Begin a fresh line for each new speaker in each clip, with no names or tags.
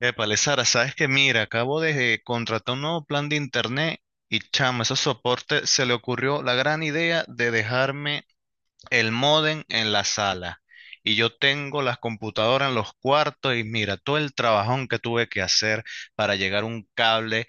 Épale, Sara, sabes que mira, acabo de contratar un nuevo plan de internet y chamo, ese soporte se le ocurrió la gran idea de dejarme el módem en la sala y yo tengo las computadoras en los cuartos y mira todo el trabajón que tuve que hacer para llegar a un cable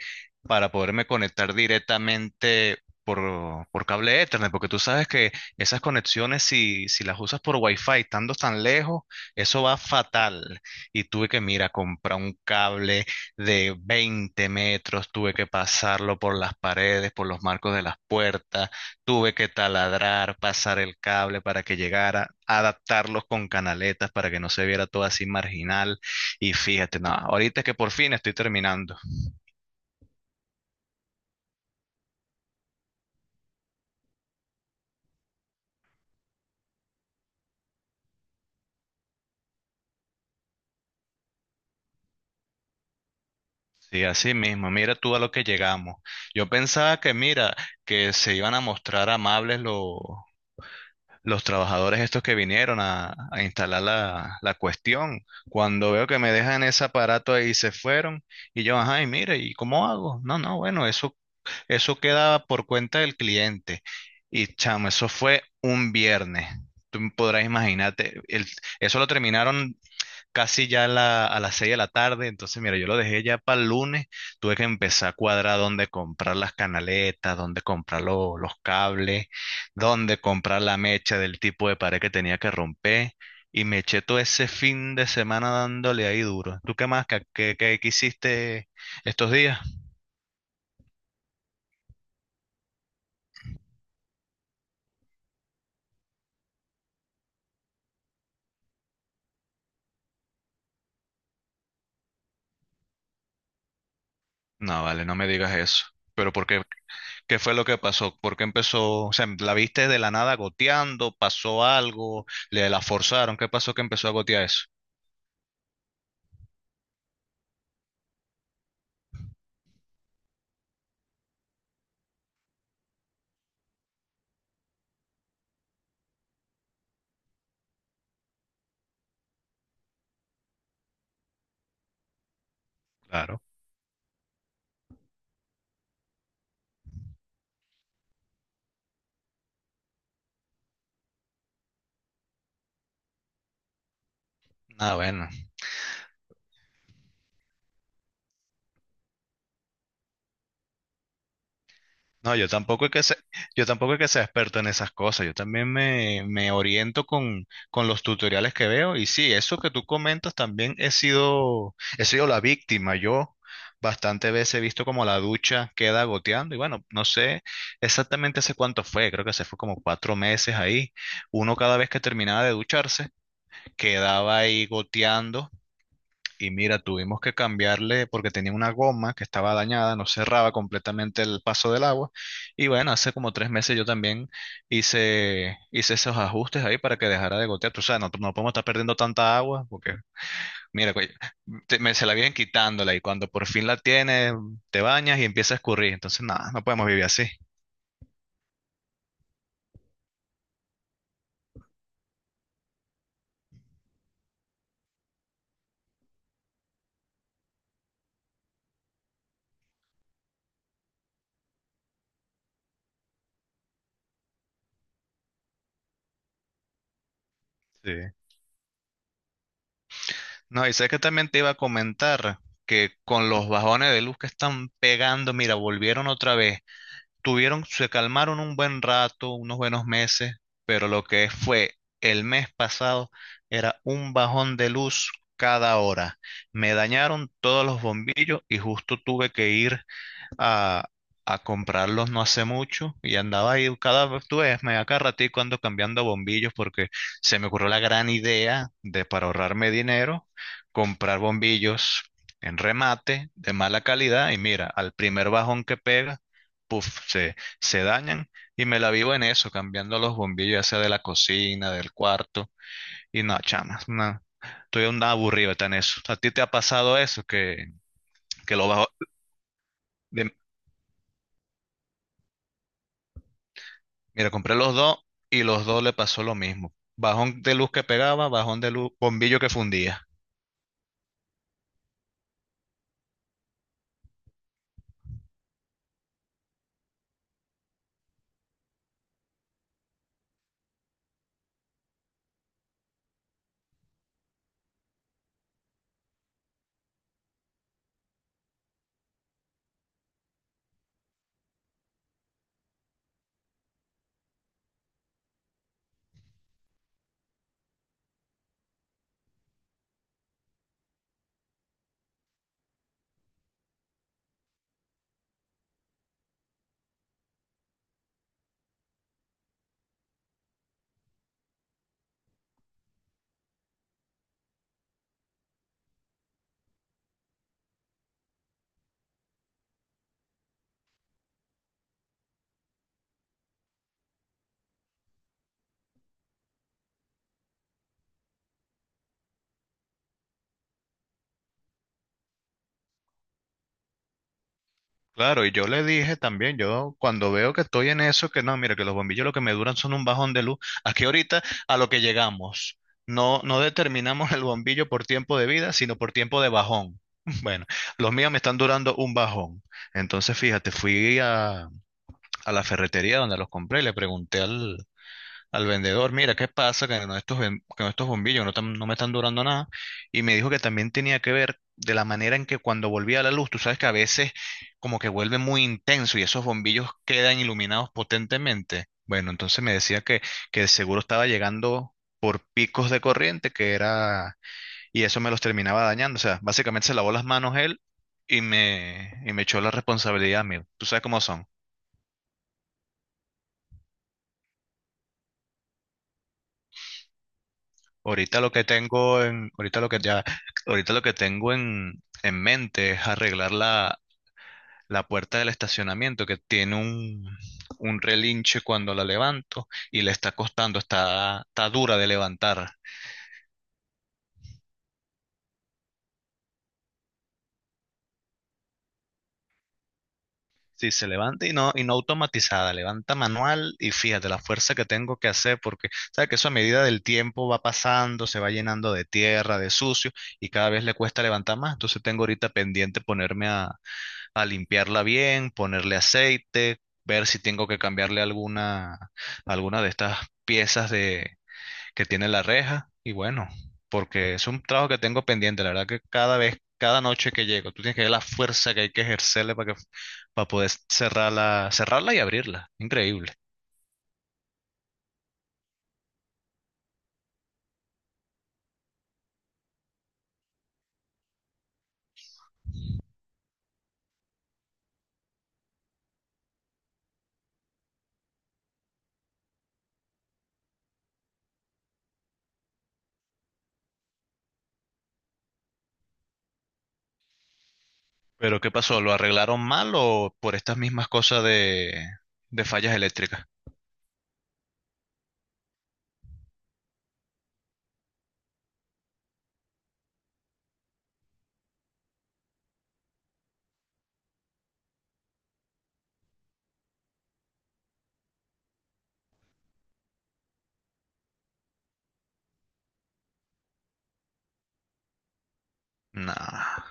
para poderme conectar directamente por cable Ethernet, porque tú sabes que esas conexiones si las usas por Wi-Fi estando tan lejos, eso va fatal. Y tuve que, mira, comprar un cable de 20 metros, tuve que pasarlo por las paredes, por los marcos de las puertas. Tuve que taladrar, pasar el cable para que llegara, adaptarlos con canaletas para que no se viera todo así marginal. Y fíjate, no, ahorita es que por fin estoy terminando. Sí, así mismo, mira tú a lo que llegamos. Yo pensaba que, mira, que se iban a mostrar amables los trabajadores estos que vinieron a instalar la cuestión. Cuando veo que me dejan ese aparato ahí y se fueron, y yo, ajá, y mire, ¿y cómo hago? No, no, bueno, eso queda por cuenta del cliente. Y chamo, eso fue un viernes. Tú podrás imaginarte, eso lo terminaron casi ya a las 6 de la tarde, entonces mira, yo lo dejé ya para el lunes, tuve que empezar a cuadrar dónde comprar las canaletas, dónde comprar los cables, dónde comprar la mecha del tipo de pared que tenía que romper, y me eché todo ese fin de semana dándole ahí duro. ¿Tú qué más? ¿ Qué hiciste estos días? No, vale, no me digas eso. Pero ¿por qué? ¿Qué fue lo que pasó? ¿Por qué empezó? O sea, ¿la viste de la nada goteando? ¿Pasó algo? ¿Le la forzaron? ¿Qué pasó que empezó a gotear eso? Claro. Ah, bueno. No, yo tampoco es que sea, yo tampoco es que sea experto en esas cosas. Yo también me oriento con los tutoriales que veo. Y sí, eso que tú comentas también he sido la víctima. Yo bastantes veces he visto como la ducha queda goteando. Y bueno, no sé exactamente hace cuánto fue. Creo que se fue como cuatro meses ahí. Uno cada vez que terminaba de ducharse, quedaba ahí goteando. Y mira, tuvimos que cambiarle porque tenía una goma que estaba dañada, no cerraba completamente el paso del agua. Y bueno, hace como tres meses yo también hice esos ajustes ahí para que dejara de gotear. Tú sabes, no, no podemos estar perdiendo tanta agua porque, mira, coño, se la vienen quitándola y cuando por fin la tienes, te bañas y empieza a escurrir. Entonces, nada, no podemos vivir así. Sí. No, y sé que también te iba a comentar que con los bajones de luz que están pegando, mira, volvieron otra vez, tuvieron, se calmaron un buen rato, unos buenos meses, pero lo que fue el mes pasado era un bajón de luz cada hora. Me dañaron todos los bombillos y justo tuve que ir a, a comprarlos no hace mucho y andaba ahí cada vez, tú ves, me da cada ratico ando cambiando bombillos porque se me ocurrió la gran idea de para ahorrarme dinero, comprar bombillos en remate de mala calidad y mira, al primer bajón que pega, puff, se dañan y me la vivo en eso, cambiando los bombillos, ya sea de la cocina, del cuarto y no, chamas, no. Estoy un aburrido está en eso. ¿A ti te ha pasado eso que lo bajo? de- Mira, compré los dos y los dos le pasó lo mismo. Bajón de luz que pegaba, bajón de luz, bombillo que fundía. Claro, y yo le dije también, yo cuando veo que estoy en eso, que no, mira, que los bombillos lo que me duran son un bajón de luz. Aquí ahorita a lo que llegamos, no, no determinamos el bombillo por tiempo de vida, sino por tiempo de bajón. Bueno, los míos me están durando un bajón. Entonces, fíjate, a la ferretería donde los compré, le pregunté al vendedor, mira, ¿qué pasa que no estos, que no estos bombillos no me están durando nada? Y me dijo que también tenía que ver de la manera en que cuando volvía la luz, tú sabes que a veces como que vuelve muy intenso y esos bombillos quedan iluminados potentemente. Bueno, entonces que el seguro estaba llegando por picos de corriente, y eso me los terminaba dañando. O sea, básicamente se lavó las manos él y me echó la responsabilidad a mí. Tú sabes cómo son. Ahorita lo que tengo en, ahorita lo que ya, Ahorita lo que tengo en mente es arreglar la puerta del estacionamiento que tiene un relinche cuando la levanto y le está costando, está, está dura de levantar. Sí, se levanta y no automatizada, levanta manual y fíjate la fuerza que tengo que hacer porque, sabes que eso a medida del tiempo va pasando, se va llenando de tierra, de sucio y cada vez le cuesta levantar más. Entonces tengo ahorita pendiente ponerme a limpiarla bien, ponerle aceite, ver si tengo que cambiarle alguna de estas piezas que tiene la reja. Y bueno, porque es un trabajo que tengo pendiente, la verdad que cada vez, cada noche que llego, tú tienes que ver la fuerza que hay que ejercerle para poder cerrarla, cerrarla y abrirla. Increíble. Pero ¿qué pasó? ¿Lo arreglaron mal o por estas mismas cosas de fallas eléctricas? Nah.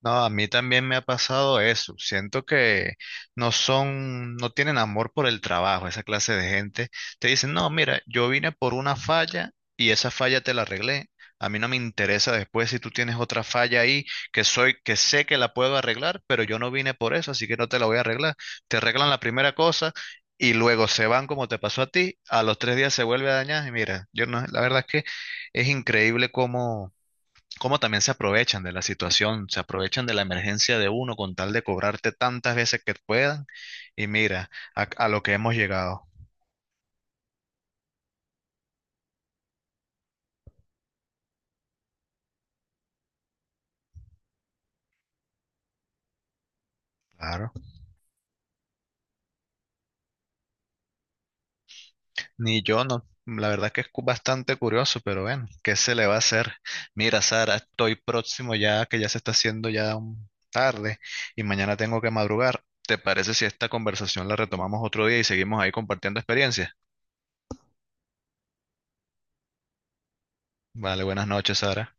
No, a mí también me ha pasado eso. Siento que no son, no tienen amor por el trabajo, esa clase de gente. Te dicen, no, mira, yo vine por una falla y esa falla te la arreglé. A mí no me interesa después si tú tienes otra falla ahí que sé que la puedo arreglar, pero yo no vine por eso, así que no te la voy a arreglar. Te arreglan la primera cosa y luego se van como te pasó a ti. A los 3 días se vuelve a dañar y mira, yo no, la verdad es que es increíble cómo también se aprovechan de la situación, se aprovechan de la emergencia de uno con tal de cobrarte tantas veces que puedan. Y mira, a lo que hemos llegado. Claro. Ni yo no. La verdad que es bastante curioso, pero bueno, ¿qué se le va a hacer? Mira, Sara, estoy próximo ya, que ya se está haciendo ya tarde y mañana tengo que madrugar. ¿Te parece si esta conversación la retomamos otro día y seguimos ahí compartiendo experiencias? Vale, buenas noches, Sara.